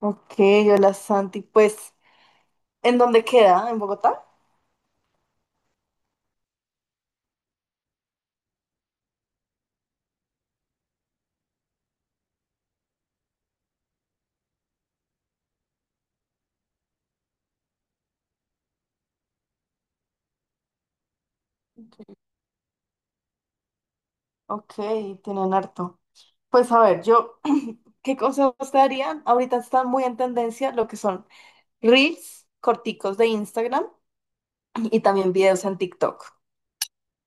Ok, hola Santi. Pues, ¿en dónde queda? ¿En Bogotá? Ok, tienen harto. Pues a ver, yo, ¿qué consejos te darían? Ahorita están muy en tendencia lo que son reels corticos de Instagram, y también videos en TikTok.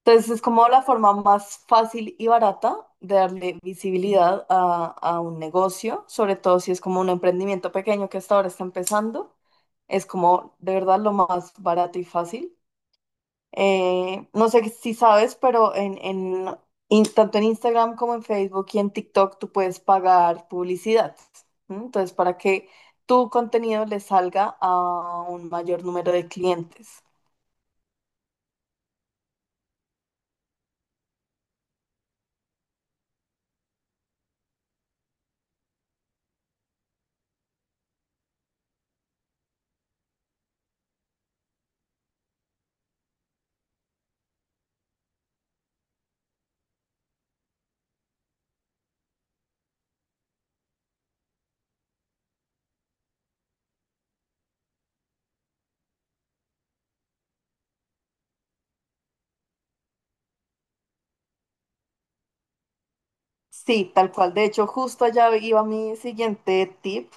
Entonces es como la forma más fácil y barata de darle visibilidad a un negocio, sobre todo si es como un emprendimiento pequeño que hasta ahora está empezando. Es como de verdad lo más barato y fácil. No sé si sabes, pero en tanto en Instagram como en Facebook y en TikTok tú puedes pagar publicidad. ¿M? Entonces, para que tu contenido le salga a un mayor número de clientes. Sí, tal cual. De hecho, justo allá iba mi siguiente tip.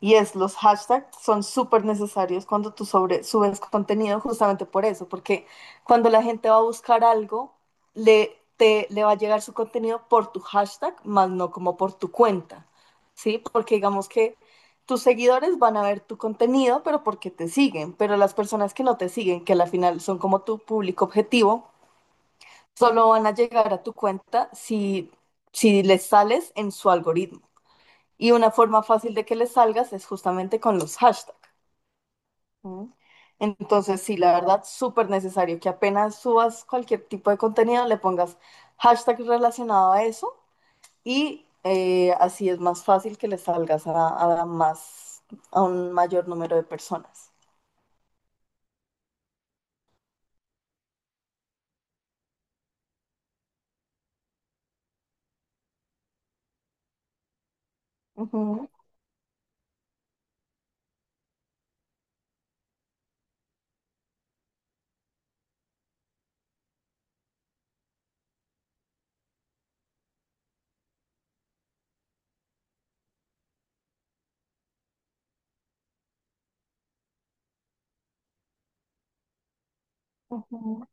Y es, los hashtags son súper necesarios cuando tú sobre, subes contenido justamente por eso, porque cuando la gente va a buscar algo, le, te, le va a llegar su contenido por tu hashtag, más no como por tu cuenta, ¿sí? Porque digamos que tus seguidores van a ver tu contenido, pero porque te siguen, pero las personas que no te siguen, que al final son como tu público objetivo, solo van a llegar a tu cuenta si les sales en su algoritmo. Y una forma fácil de que les salgas es justamente con los hashtags. ¿No? Entonces, sí, la verdad, súper necesario que apenas subas cualquier tipo de contenido, le pongas hashtag relacionado a eso y así es más fácil que le salgas a más, a un mayor número de personas. Ujú, ujú,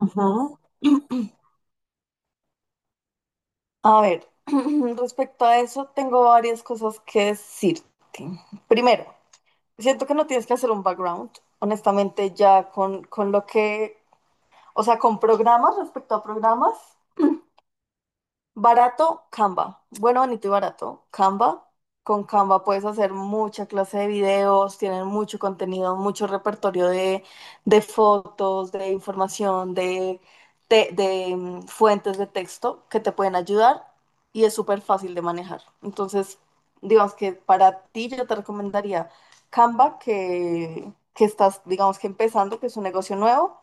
ujú. A ver, respecto a eso, tengo varias cosas que decirte. Primero, siento que no tienes que hacer un background, honestamente, ya con lo que, o sea, con programas respecto a programas. Barato, Canva. Bueno, bonito y barato, Canva. Con Canva puedes hacer mucha clase de videos, tienen mucho contenido, mucho repertorio de fotos, de información, de fuentes de texto que te pueden ayudar y es súper fácil de manejar. Entonces, digamos que para ti yo te recomendaría Canva, que estás, digamos que empezando, que es un negocio nuevo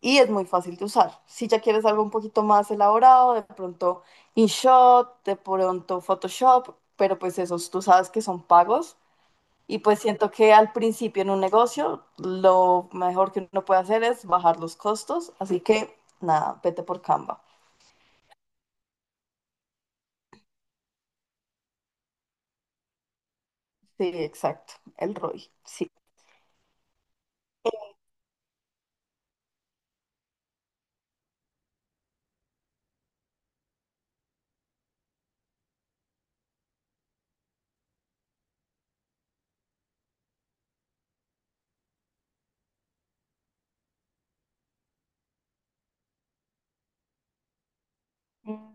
y es muy fácil de usar. Si ya quieres algo un poquito más elaborado, de pronto InShot, de pronto Photoshop, pero pues esos tú sabes que son pagos. Y pues siento que al principio en un negocio lo mejor que uno puede hacer es bajar los costos. Así que nada, vete por Canva. Sí, exacto, el ROI, sí.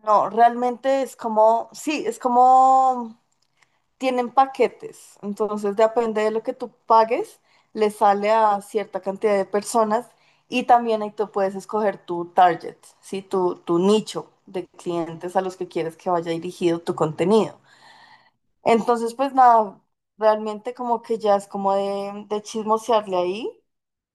No, realmente es como, sí, es como tienen paquetes, entonces depende de lo que tú pagues, le sale a cierta cantidad de personas y también ahí tú puedes escoger tu target, ¿sí? Tu nicho de clientes a los que quieres que vaya dirigido tu contenido. Entonces, pues nada, realmente como que ya es como de chismosearle ahí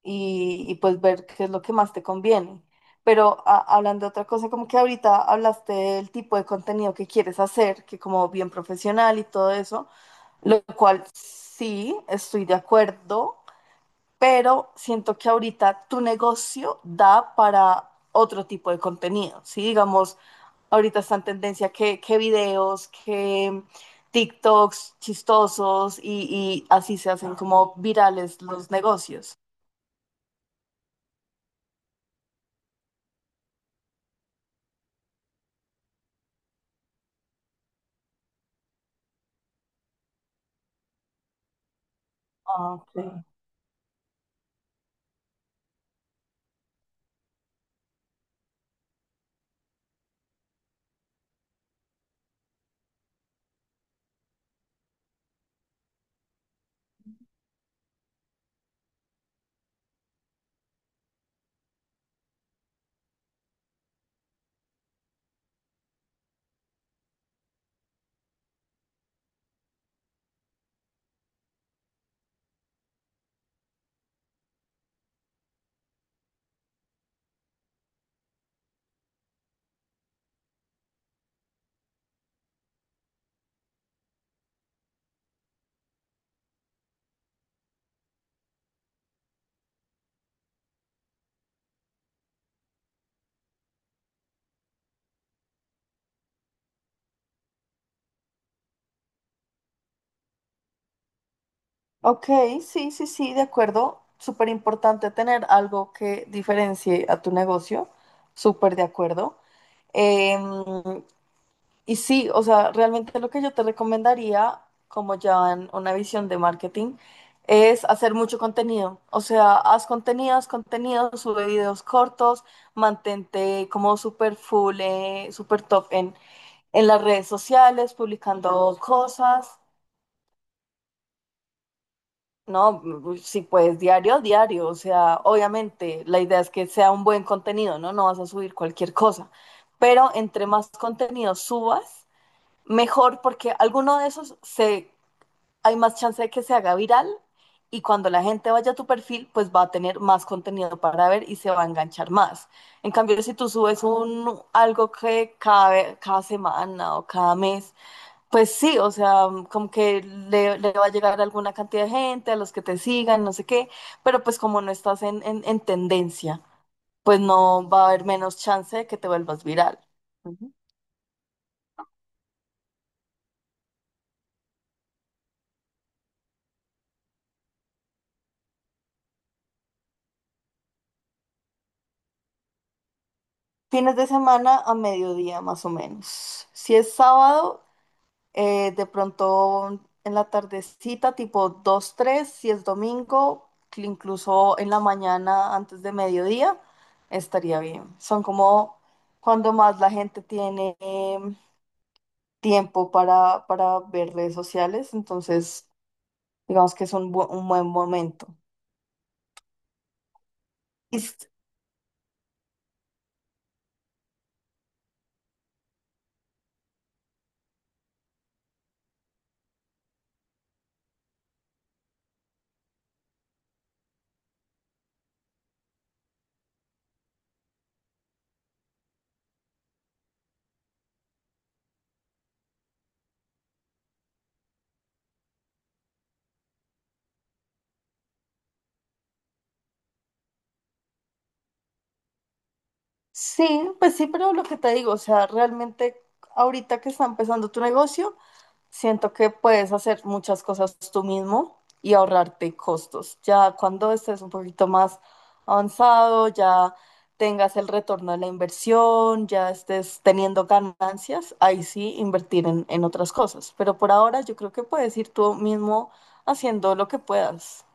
y pues ver qué es lo que más te conviene. Pero hablando de otra cosa, como que ahorita hablaste del tipo de contenido que quieres hacer, que como bien profesional y todo eso. Lo cual sí, estoy de acuerdo, pero siento que ahorita tu negocio da para otro tipo de contenido, ¿sí? Digamos, ahorita está en tendencia que videos, que TikToks chistosos y así se hacen como virales los negocios. Ah, okay. Ok, sí, sí, sí, de acuerdo. Súper importante tener algo que diferencie a tu negocio. Súper de acuerdo. Em, Y sí, o sea, realmente lo que yo te recomendaría, como ya en una visión de marketing, es hacer mucho contenido. O sea, haz contenidos, contenidos, sube videos cortos, mantente como súper full, súper top en las redes sociales, publicando cosas, ¿no? Si puedes diario, diario. O sea, obviamente la idea es que sea un buen contenido, ¿no? No vas a subir cualquier cosa. Pero entre más contenido subas, mejor, porque alguno de esos se, hay más chance de que se haga viral y cuando la gente vaya a tu perfil, pues va a tener más contenido para ver y se va a enganchar más. En cambio, si tú subes un, algo que cada semana o cada mes, pues sí, o sea, como que le va a llegar a alguna cantidad de gente, a los que te sigan, no sé qué, pero pues como no estás en tendencia, pues no va a haber menos chance de que te vuelvas viral. Fines de semana a mediodía más o menos. Si es sábado, de pronto en la tardecita, tipo 2 3. Si es domingo, incluso en la mañana antes de mediodía, estaría bien. Son como cuando más la gente tiene tiempo para ver redes sociales, entonces digamos que es un, un buen momento. Y s- sí, pues sí, pero lo que te digo, o sea, realmente ahorita que está empezando tu negocio, siento que puedes hacer muchas cosas tú mismo y ahorrarte costos. Ya cuando estés un poquito más avanzado, ya tengas el retorno de la inversión, ya estés teniendo ganancias, ahí sí invertir en otras cosas. Pero por ahora yo creo que puedes ir tú mismo haciendo lo que puedas.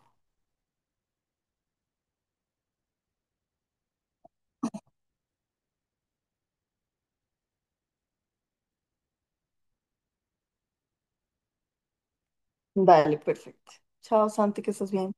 Dale, perfecto. Chao, Santi, que estés bien.